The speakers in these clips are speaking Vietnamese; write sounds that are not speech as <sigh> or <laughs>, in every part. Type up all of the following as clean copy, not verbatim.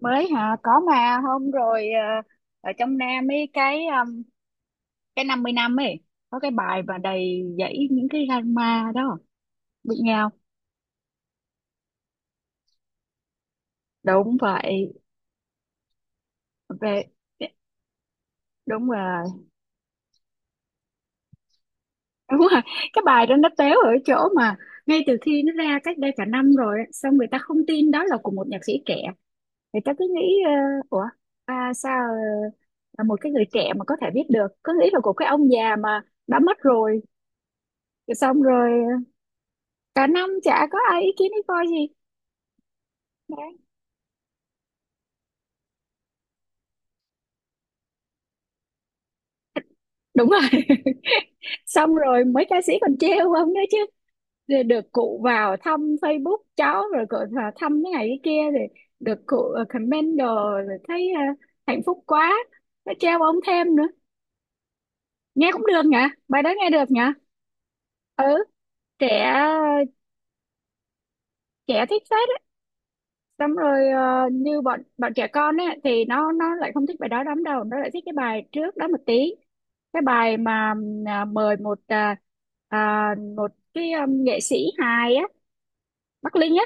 Mới hả có mà hôm rồi ở trong Nam ấy cái 50 năm ấy có cái bài mà đầy dẫy những cái drama đó biết nhau. Đúng vậy. Về đúng rồi. <laughs> Đúng rồi, cái bài đó nó téo ở chỗ mà ngay từ khi nó ra cách đây cả năm rồi á, xong người ta không tin đó là của một nhạc sĩ trẻ, người ta cứ nghĩ ủa, sao là một cái người trẻ mà có thể viết được, cứ nghĩ là của cái ông già mà đã mất rồi. Rồi xong rồi cả năm chả có ai ý kiến ý coi gì. Đúng rồi. <laughs> Xong rồi mấy ca sĩ còn trêu ông đấy chứ. Rồi được cụ vào thăm Facebook cháu rồi cụ vào thăm cái này cái kia, rồi được cụ comment đồ, rồi thấy hạnh phúc quá, nó trêu ông thêm nữa. Nghe cũng được nhỉ, bài đó nghe được nhỉ. Ừ, trẻ, trẻ thích phết á. Xong rồi như bọn bọn trẻ con ấy thì nó lại không thích bài đó lắm đâu, nó lại thích cái bài trước đó một tí, cái bài mà mời một một cái nghệ sĩ hài á, Bắc Linh á,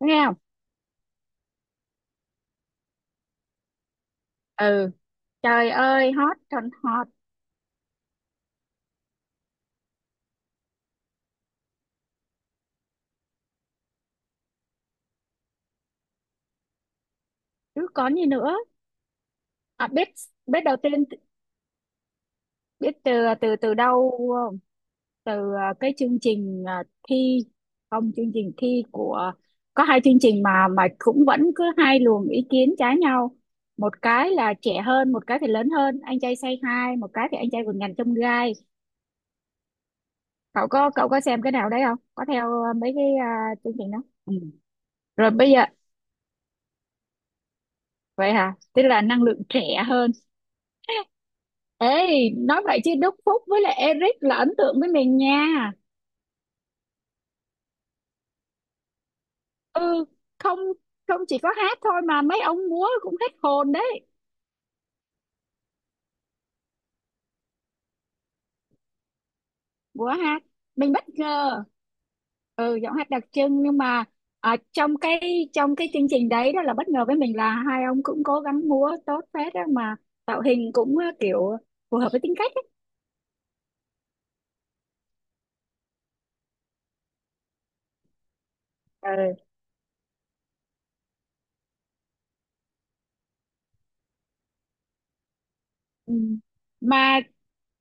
nghe không? Ừ, trời ơi hot còn hot, chứ còn gì nữa. Biết, biết đầu tiên, biết từ, từ đâu không? Từ cái chương trình thi, không, chương trình thi của, có hai chương trình mà cũng vẫn cứ hai luồng ý kiến trái nhau, một cái là trẻ hơn, một cái thì lớn hơn, anh trai say hi một cái thì anh trai vượt ngàn chông gai. Cậu có xem cái nào đấy không, có theo mấy cái chương trình đó? Ừ. Rồi bây giờ vậy hả, tức là năng lượng trẻ hơn. Ê, nói vậy chứ Đức Phúc với lại Eric là ấn tượng với mình nha. Ừ, không, không chỉ có hát thôi mà mấy ông múa cũng hết hồn đấy. Múa hát, mình bất ngờ. Ừ, giọng hát đặc trưng nhưng mà ở trong cái chương trình đấy đó là bất ngờ với mình, là hai ông cũng cố gắng múa tốt phết đó mà, tạo hình cũng kiểu phù hợp với tính cách ấy. Ừ. Ừ. Mà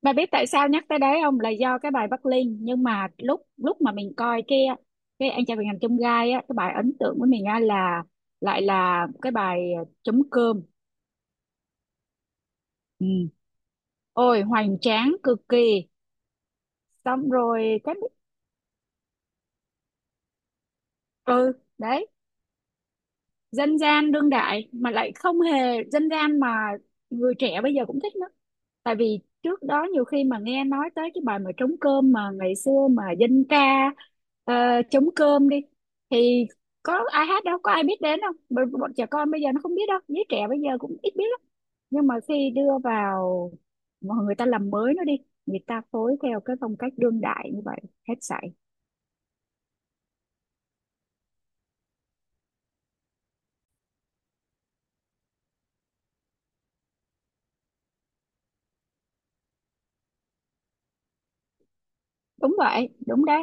bà biết tại sao nhắc tới đấy không? Là do cái bài Bắc Linh, nhưng mà lúc lúc mà mình coi cái anh trai vượt ngàn chông gai á, cái bài ấn tượng của mình á là lại là cái bài chấm cơm. Ừ. Ôi hoành tráng cực kỳ. Xong rồi cái, ừ, đấy, dân gian đương đại mà lại không hề dân gian mà, người trẻ bây giờ cũng thích nữa. Tại vì trước đó nhiều khi mà nghe nói tới cái bài mà trống cơm mà ngày xưa mà dân ca ờ, trống cơm đi thì có ai hát đâu, có ai biết đến đâu, bọn trẻ con bây giờ nó không biết đâu, giới trẻ bây giờ cũng ít biết lắm, nhưng mà khi đưa vào mà người ta làm mới nó đi, người ta phối theo cái phong cách đương đại như vậy, hết sảy. Đúng vậy đúng đấy.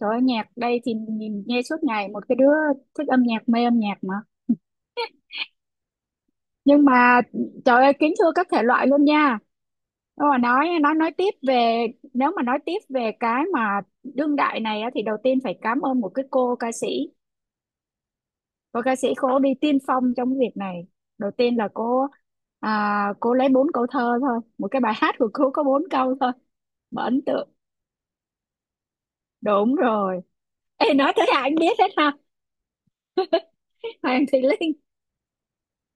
Trời ơi, nhạc đây thì nhìn nghe suốt ngày, một cái đứa thích âm nhạc mê âm nhạc mà, nhưng mà trời ơi kính thưa các thể loại luôn nha. Nếu mà nói tiếp về, nếu mà nói tiếp về cái mà đương đại này á, thì đầu tiên phải cảm ơn một cái cô ca sĩ, cô đi tiên phong trong cái việc này. Đầu tiên là cô, cô lấy bốn câu thơ thôi, một cái bài hát của cô có bốn câu thôi mà ấn tượng. Đúng rồi. Ê, nói thế là anh biết hết ha. <laughs> Hoàng Thùy Linh.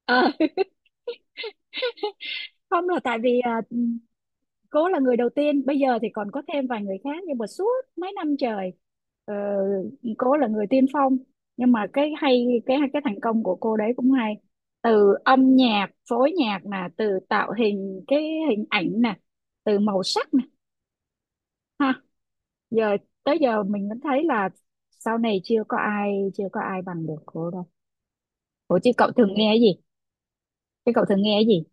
Ờ, không là tại vì cô là người đầu tiên, bây giờ thì còn có thêm vài người khác, nhưng mà suốt mấy năm trời ờ, cô là người tiên phong, nhưng mà cái hay cái thành công của cô đấy cũng hay, từ âm nhạc phối nhạc nè, từ tạo hình cái hình ảnh nè, từ màu sắc nè ha. Giờ tới giờ mình vẫn thấy là, sau này chưa có ai bằng được cô đâu. Ủa chứ cậu thường nghe cái gì, chứ cậu thường nghe cái gì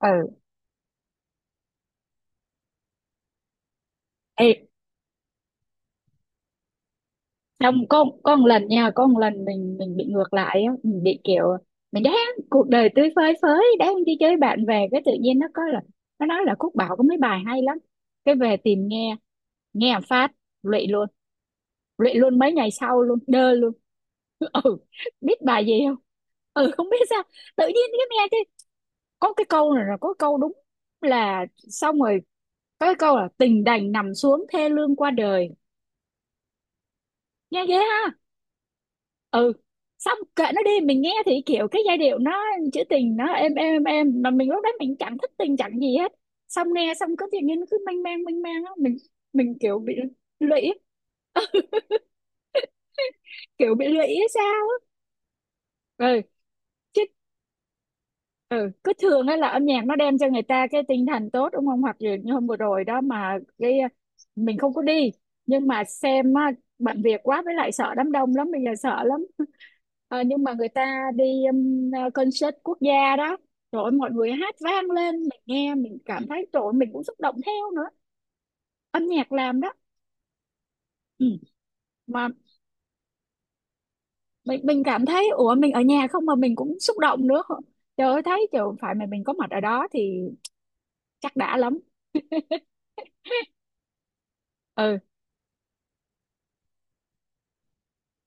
ừ. Ê, không, có một lần nha, có một lần mình bị ngược lại á, mình bị kiểu mình đang cuộc đời tươi phơi phới đang đi chơi bạn về, cái tự nhiên nó có là nó nói là Cúc Bảo có mấy bài hay lắm, cái về tìm nghe, nghe một phát lụy luôn, lụy luôn mấy ngày sau luôn đơ luôn. <laughs> Ừ. Biết bài gì không? Ừ không biết sao, tự nhiên cái nghe cái có cái câu này là có câu đúng là xong rồi có cái câu là tình đành nằm xuống thê lương qua đời. Nghe ghê ha. Ừ, xong kệ nó đi, mình nghe thì kiểu cái giai điệu nó trữ tình nó êm êm êm, mà mình lúc đó mình chẳng thích tình chẳng gì hết, xong nghe xong cứ tự nhiên nó cứ mênh mang á, mình kiểu bị lụy. <laughs> Kiểu bị lụy hay sao á. Ừ. Chứ ừ, cứ thường ấy là âm nhạc nó đem cho người ta cái tinh thần tốt đúng không, hoặc như, như hôm vừa rồi đó mà cái mình không có đi nhưng mà xem á, bận việc quá, với lại sợ đám đông lắm bây giờ sợ lắm. <laughs> Ờ, nhưng mà người ta đi um, concert quốc gia đó, rồi mọi người hát vang lên, mình nghe mình cảm thấy rồi mình cũng xúc động theo nữa, âm nhạc làm đó. Ừ. Mà mình cảm thấy ủa mình ở nhà không mà mình cũng xúc động nữa, trời ơi thấy trời phải mà mình có mặt ở đó thì chắc đã lắm. Ừ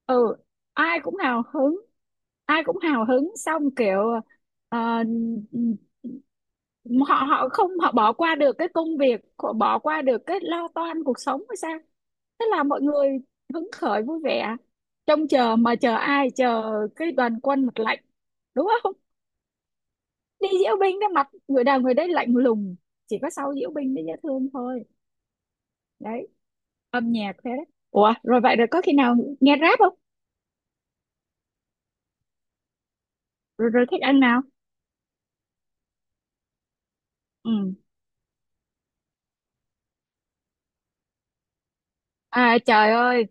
ừ, ai cũng hào hứng, xong kiểu ờ, họ họ không, họ bỏ qua được cái công việc, họ bỏ qua được cái lo toan cuộc sống hay sao, thế là mọi người hứng khởi vui vẻ trông chờ, mà chờ ai, chờ cái đoàn quân mặt lạnh đúng không, đi diễu binh cái mặt người nào người đấy lạnh lùng, chỉ có sau diễu binh mới dễ thương thôi. Đấy, âm nhạc thế đấy. Ủa rồi vậy rồi có khi nào nghe rap không? Rồi rồi, thích ăn nào. Ừ, à trời ơi.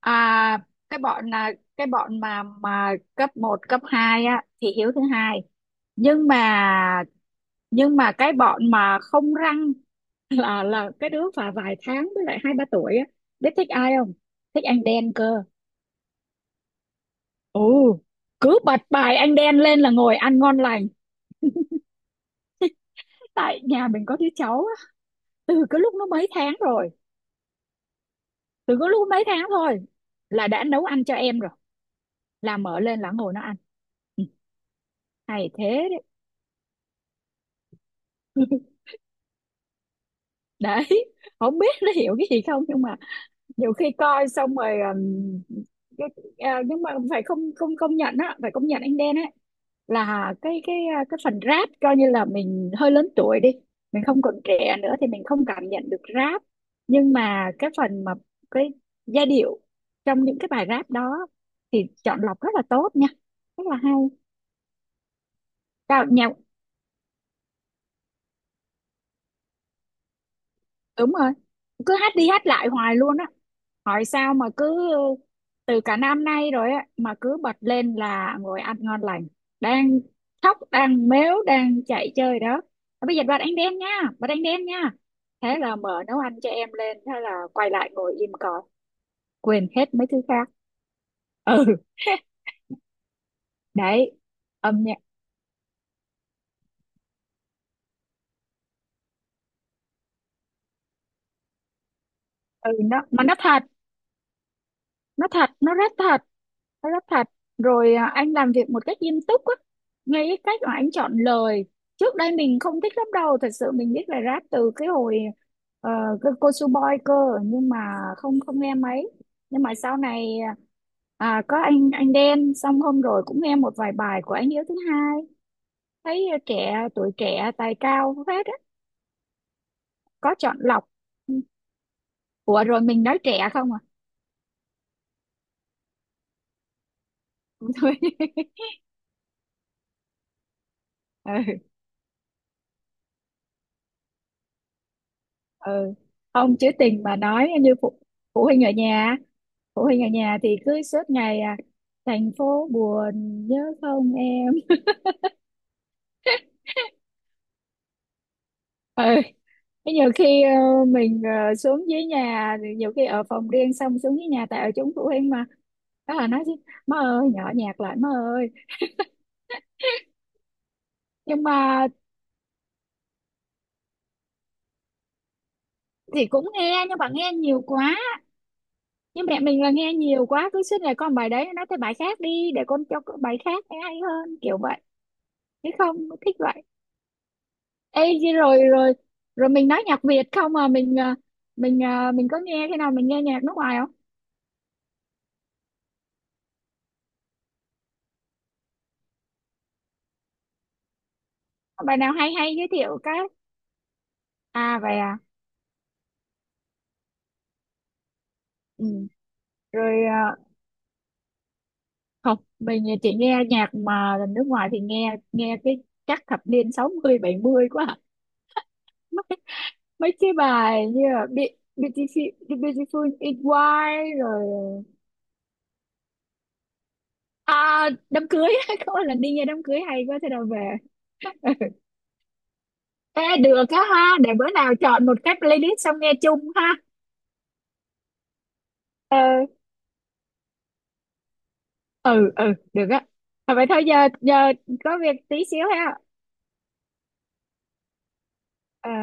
À, cái bọn là cái bọn mà cấp một cấp 2 á thì Hiếu thứ hai. Nhưng mà, nhưng mà cái bọn mà không răng <laughs> là cái đứa và vài tháng với lại hai ba tuổi á, biết thích ai không? Thích anh đen cơ. Ồ, cứ bật bài anh đen lên là ngồi ăn ngon lành. Tại nhà mình có đứa cháu á, từ cái lúc nó mấy tháng rồi, từ cái lúc mấy tháng thôi là đã nấu ăn cho em rồi, là mở lên là ngồi nó ăn. Ừ, hay thế. Đấy. Ừ. Đấy, không biết nó hiểu cái gì không nhưng mà nhiều khi coi xong rồi cái, nhưng mà phải, không không công nhận á, phải công nhận anh Đen á, là cái cái phần rap coi như là mình hơi lớn tuổi đi, mình không còn trẻ nữa thì mình không cảm nhận được rap, nhưng mà cái phần mà cái giai điệu trong những cái bài rap đó thì chọn lọc rất là tốt nha, rất là hay. Cao- nhà đúng rồi, cứ hát đi hát lại hoài luôn á, hỏi sao mà cứ từ cả năm nay rồi á mà cứ bật lên là ngồi ăn ngon lành, đang khóc đang mếu đang chạy chơi đó, "Thôi bây giờ bật ánh đen nha, bật ánh đen nha", thế là mở nấu ăn cho em lên, thế là quay lại ngồi im cỏ, quên hết mấy thứ khác. Ừ. Đấy, âm nhạc. Ừ, nó mà nó thật, nó thật, nó rất thật, nó rất thật rồi anh làm việc một cách nghiêm túc á, ngay cái cách mà anh chọn lời. Trước đây mình không thích lắm đâu, thật sự mình biết là rap từ cái hồi ờ, cái cô Su Boy cơ, nhưng mà không, không nghe mấy. Nhưng mà sau này có anh Đen, xong hôm rồi cũng nghe một vài bài của anh Hiếu thứ hai, thấy trẻ tuổi trẻ tài cao hết á, có chọn lọc. Ủa rồi mình nói trẻ không à? <laughs> Thôi ừ, không chứ tình mà nói như phụ, phụ huynh ở nhà phụ huynh ở nhà thì cứ suốt ngày thành phố buồn nhớ không em. Ừ, thế nhiều khi mình xuống dưới nhà thì nhiều khi ở phòng riêng xong xuống dưới nhà tại ở chúng phụ huynh mà, đó là nói chứ má ơi nhỏ nhạc lại má ơi. Nhưng mà thì cũng nghe, nhưng mà nghe nhiều quá, nhưng mẹ mình là nghe nhiều quá cứ suốt ngày con bài đấy, nói tới bài khác đi để con cho con bài khác nghe hay hơn kiểu vậy. Thế không thích vậy. Ê, chứ rồi rồi, rồi mình nói nhạc Việt không à, mình mình mình có nghe, khi nào mình nghe nhạc nước ngoài không? Có bài nào hay hay giới thiệu cái. À vậy à. Ừ. Rồi không mình chỉ nghe nhạc mà nước ngoài thì nghe nghe cái chắc thập niên 60 mươi 70 quá à. Mấy mấy cái bài như là Beautiful, Beautiful in White rồi đám cưới. <laughs> Có một lần đi nghe đám cưới hay quá thế nào về. Ê, được á ha, để bữa nào chọn một cái playlist xong nghe chung ha. Ờ, ừ ừ, được á. Thôi vậy thôi giờ, giờ có việc tí xíu ha. Ờ.